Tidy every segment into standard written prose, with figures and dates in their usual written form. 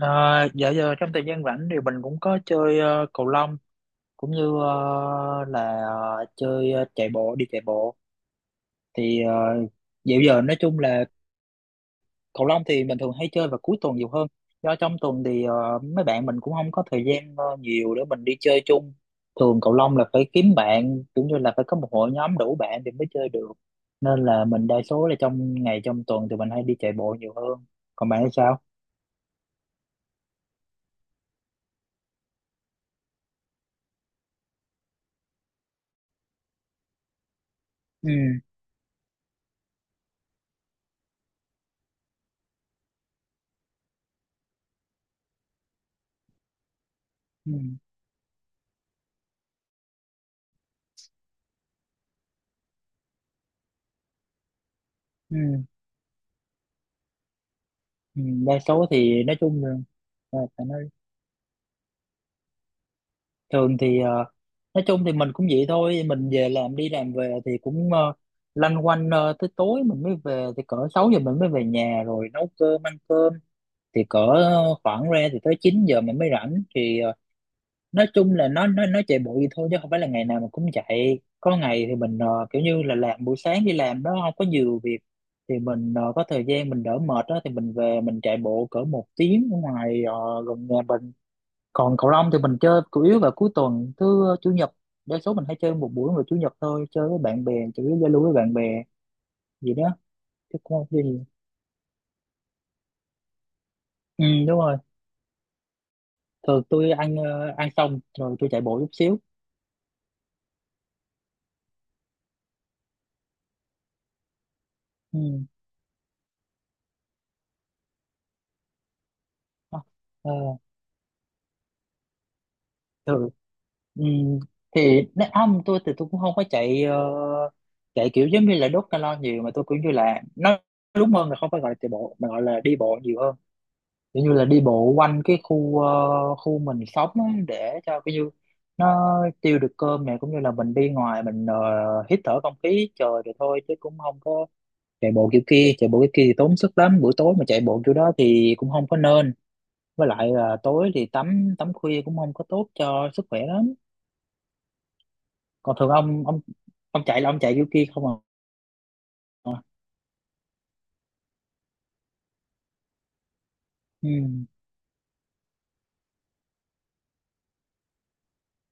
À, dạ giờ trong thời gian rảnh thì mình cũng có chơi cầu lông cũng như chơi chạy bộ đi chạy bộ thì uh, dạo giờ nói chung là cầu lông thì mình thường hay chơi vào cuối tuần nhiều hơn, do trong tuần thì mấy bạn mình cũng không có thời gian nhiều để mình đi chơi chung. Thường cầu lông là phải kiếm bạn cũng như là phải có một hội nhóm đủ bạn thì mới chơi được, nên là mình đa số là trong ngày trong tuần thì mình hay đi chạy bộ nhiều hơn. Còn bạn thì sao? Ừ. Ừ. Ừ. Ừ, đa số thì nói chung là, à, phải nói thường thì nói chung thì mình cũng vậy thôi, mình về làm đi làm về thì cũng lanh quanh tới tối mình mới về thì cỡ 6 giờ mình mới về nhà rồi nấu cơm ăn cơm, thì cỡ khoảng ra thì tới 9 giờ mình mới rảnh thì nói chung là nó chạy bụi thôi chứ không phải là ngày nào mình cũng chạy, có ngày thì mình kiểu như là làm buổi sáng đi làm nó không có nhiều việc thì mình có thời gian mình đỡ mệt đó thì mình về mình chạy bộ cỡ 1 tiếng ở ngoài gần nhà mình. Còn cầu lông thì mình chơi chủ yếu vào cuối tuần, thứ chủ nhật, đa số mình hay chơi một buổi vào chủ nhật thôi, chơi với bạn bè, chủ yếu giao lưu với bạn bè gì đó chứ cũng không có gì. Ừ, đúng rồi, thường tôi ăn ăn xong rồi tôi chạy bộ chút xíu. Ừ. Ờ, ờ, thường. Ừ. Thì nếu không, tôi thì tôi cũng không có chạy chạy kiểu giống như là đốt calo nhiều, mà tôi cũng như là nó đúng hơn là không phải gọi là chạy bộ mà gọi là đi bộ nhiều hơn, kiểu như là đi bộ quanh cái khu khu mình sống á, để cho cái như nó tiêu được cơm này, cũng như là mình đi ngoài mình hít thở không khí trời thì thôi chứ cũng không có chạy bộ kiểu kia. Chạy bộ kiểu kia thì tốn sức lắm, buổi tối mà chạy bộ kiểu đó thì cũng không có nên, với lại là tối thì tắm tắm khuya cũng không có tốt cho sức khỏe lắm. Còn thường ông chạy là ông chạy kiểu kia không? À. Ừ.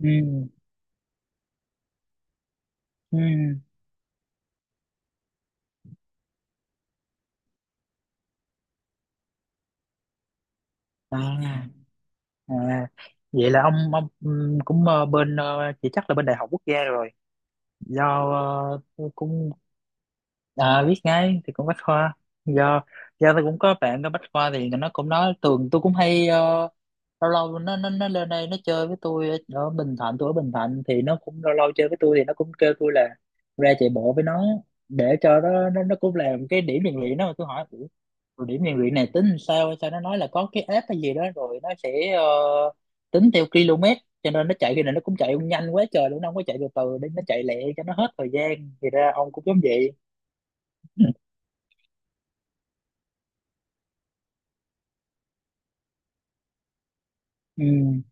Ừ. Ừ. À. À, vậy là ông cũng bên chỉ chắc là bên Đại học Quốc gia rồi, do tôi cũng, à, biết ngay thì cũng bách khoa, do do tôi cũng có bạn ở bách khoa thì nó cũng nói tường, tôi cũng hay lâu lâu nó lên đây nó chơi với tôi ở, Bình Thạnh, tôi ở Bình Thạnh thì nó cũng lâu lâu chơi với tôi thì nó cũng kêu tôi là ra chạy bộ với nó, để cho nó cũng làm cái điểm rèn luyện đó, mà tôi hỏi "Ủa, rồi điểm rèn luyện này tính sao?" Sao nó nói là có cái app hay gì đó rồi nó sẽ tính theo km, cho nên nó chạy khi này nó cũng chạy nhanh quá trời luôn, nó không có chạy từ từ, để nó chạy lẹ cho nó hết thời gian, thì ra ông cũng giống vậy. Ừ.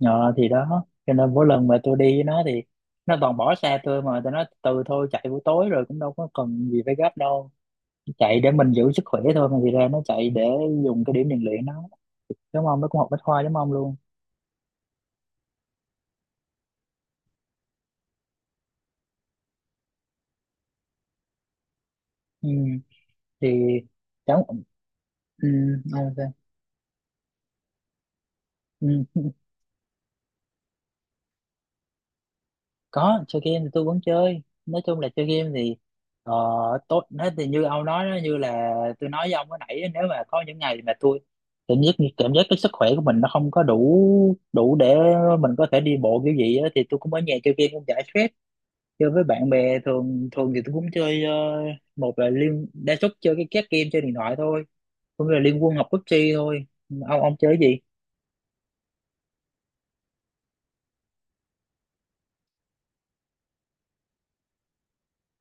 Ờ, thì đó cho nên mỗi lần mà tôi đi với nó thì nó toàn bỏ xa tôi, mà tôi nói từ thôi chạy buổi tối rồi cũng đâu có cần gì phải gấp đâu, chạy để mình giữ sức khỏe thôi mà, thì ra nó chạy để dùng cái điểm rèn luyện nó, đúng không? Nó cũng học bách khoa giống ông luôn. Ừ. Thì cháu. Ừ. Ok. Ừ. Có chơi game thì tôi vẫn chơi, nói chung là chơi game thì ờ, tốt hết, thì như ông nói đó, như là tôi nói với ông cái nãy á, nếu mà có những ngày mà tôi cảm giác cái sức khỏe của mình nó không có đủ đủ để mình có thể đi bộ kiểu gì á, thì tôi cũng ở nhà chơi game cũng giải stress, chơi với bạn bè. Thường thường thì tôi cũng chơi một là liên đa số chơi cái các game chơi điện thoại thôi, cũng như là liên quân học PUBG thôi. Ông chơi cái gì?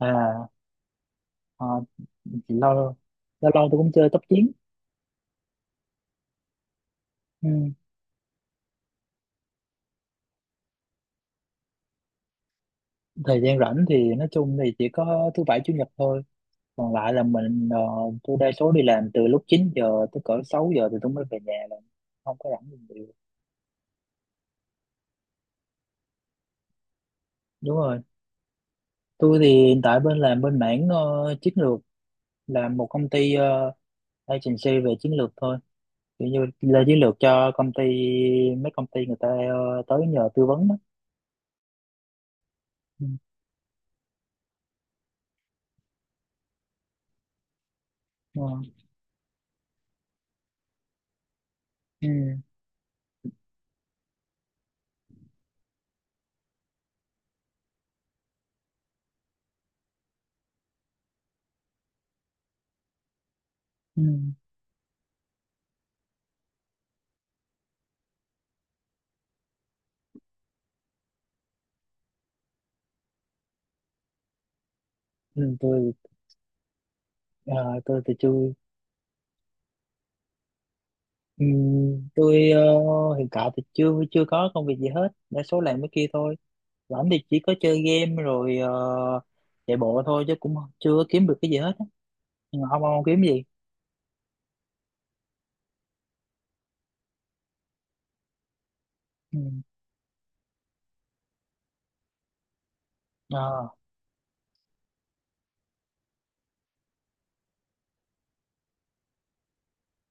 À, ờ, lâu lâu lâu tôi cũng chơi tốc chiến. Ừ. Thời gian rảnh thì nói chung thì chỉ có thứ bảy chủ nhật thôi, còn lại là mình tôi đa số đi làm từ lúc 9 giờ tới cỡ 6 giờ thì tôi mới về nhà là không có rảnh gì nhiều. Đúng rồi, tôi thì hiện tại bên làm bên mảng chiến lược, làm một công ty agency về chiến lược thôi, kiểu như là chiến lược cho công ty, mấy công ty người ta tới nhờ tư vấn đó. Ừ. Ờ. Ừ. Ừ. Ừ. Tôi ờ, tôi thì chưa. Ừ, tôi hiện tại thì chưa chưa có công việc gì hết, đa số làm cái kia thôi, rảnh thì chỉ có chơi game rồi chạy bộ thôi chứ cũng chưa có kiếm được cái gì hết á. Nhưng mà không không kiếm gì. Ừ. Ờ,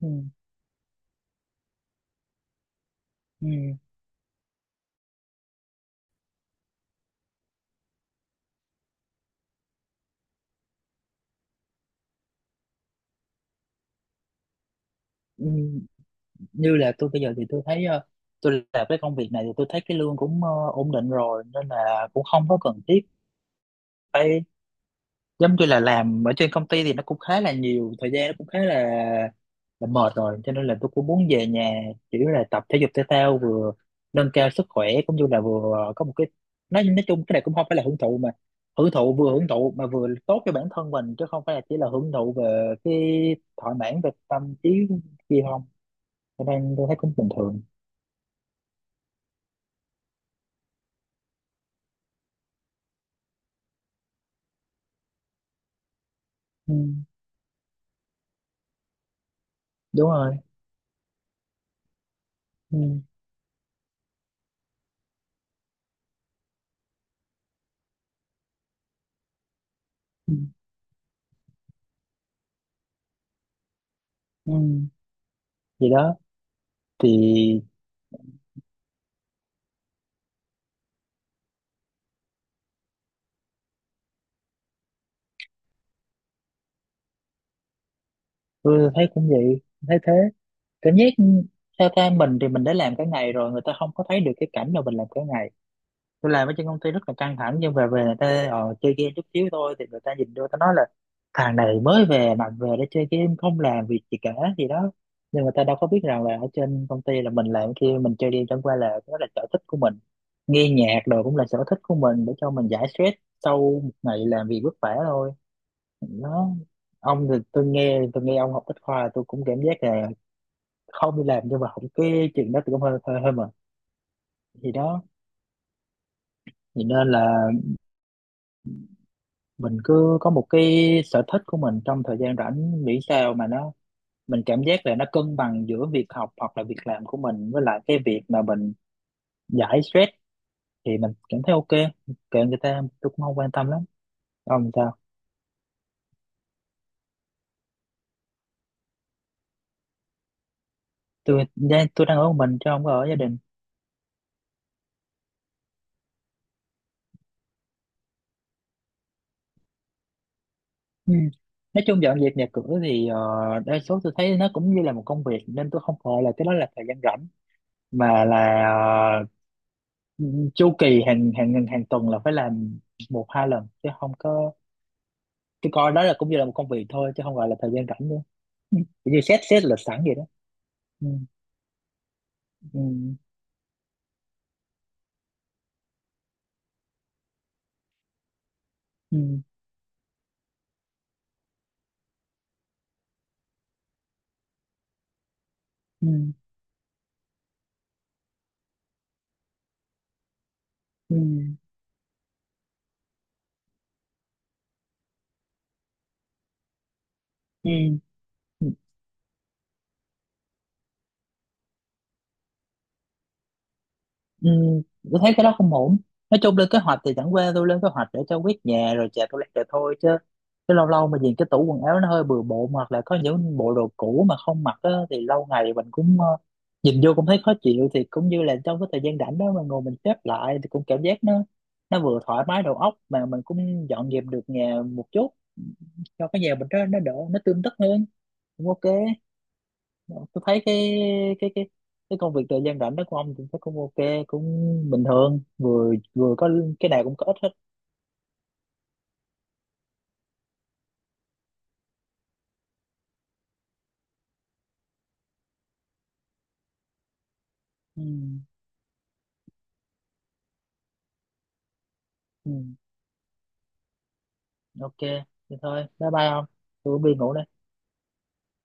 Ừ. Ừ. Ừ. Như là tôi bây giờ thì tôi thấy tôi làm cái công việc này thì tôi thấy cái lương cũng ổn định rồi nên là cũng không có cần thiết phải, giống như là làm ở trên công ty thì nó cũng khá là nhiều thời gian, nó cũng khá là đã mệt rồi cho nên là tôi cũng muốn về nhà chỉ là tập thể dục thể thao vừa nâng cao sức khỏe cũng như là vừa có một cái, nói chung cái này cũng không phải là hưởng thụ mà hưởng thụ, vừa hưởng thụ mà vừa tốt cho bản thân mình chứ không phải là chỉ là hưởng thụ về cái thỏa mãn về tâm trí gì không, cho nên tôi thấy cũng bình thường. Ừ, đúng rồi. Ừ, ừ, ừ. Vậy đó thì tôi thấy cũng vậy, thấy thế, cảm giác theo ta mình thì mình đã làm cả ngày rồi người ta không có thấy được cái cảnh mà mình làm cả ngày, tôi làm ở trên công ty rất là căng thẳng, nhưng về về người ta chơi game chút xíu thôi thì người ta nhìn vô ta nói là thằng này mới về mà về để chơi game không làm việc gì cả gì đó, nhưng người ta đâu có biết rằng là ở trên công ty là mình làm kia, mình chơi game chẳng qua là đó là sở thích của mình, nghe nhạc đồ cũng là sở thích của mình để cho mình giải stress sau một ngày làm việc vất vả thôi. Nó, ông thì tôi nghe ông học bách khoa tôi cũng cảm giác là không đi làm nhưng mà học cái chuyện đó thì cũng hơi hơi hơi mà. Thì đó, thì nên là mình cứ có một cái sở thích của mình trong thời gian rảnh, miễn sao mà nó mình cảm giác là nó cân bằng giữa việc học hoặc là việc làm của mình với lại cái việc mà mình giải stress thì mình cảm thấy ok, kệ người ta, tôi cũng không quan tâm lắm. Ông sao? Tôi đang ở một mình chứ không có ở gia đình. Ừ. Nói chung dọn dẹp nhà cửa thì đa số tôi thấy nó cũng như là một công việc nên tôi không gọi là cái đó là thời gian rảnh mà là ờ, chu kỳ hàng hàng hàng tuần là phải làm một hai lần chứ không có, tôi coi đó là cũng như là một công việc thôi chứ không gọi là thời gian rảnh nữa. Ừ. Giống như xét xét lịch sẵn vậy đó. Ừ. Ừ. Ừ. Ừ. Ừ. Ừ. Ừ, ừ, ừ, tôi thấy cái đó không ổn, nói chung lên kế hoạch thì chẳng qua tôi lên kế hoạch để cho quét nhà rồi chà tôi rồi thôi, chứ chứ lâu lâu mà nhìn cái tủ quần áo nó hơi bừa bộn hoặc là có những bộ đồ cũ mà không mặc á, thì lâu ngày mình cũng nhìn vô cũng thấy khó chịu, thì cũng như là trong cái thời gian rảnh đó mà ngồi mình xếp lại thì cũng cảm giác nó vừa thoải mái đầu óc mà mình cũng dọn dẹp được nhà một chút, cho cái nhà mình đó nó đỡ, nó tươm tất hơn, cũng ok. Tôi thấy cái cái cái công việc thời gian rảnh đó của ông cũng thấy cũng ok cũng bình thường, vừa vừa có cái nào cũng có ít hết. Ừ. Ừ. Ok thì thôi, bye bye ông, tôi cũng đi ngủ đây.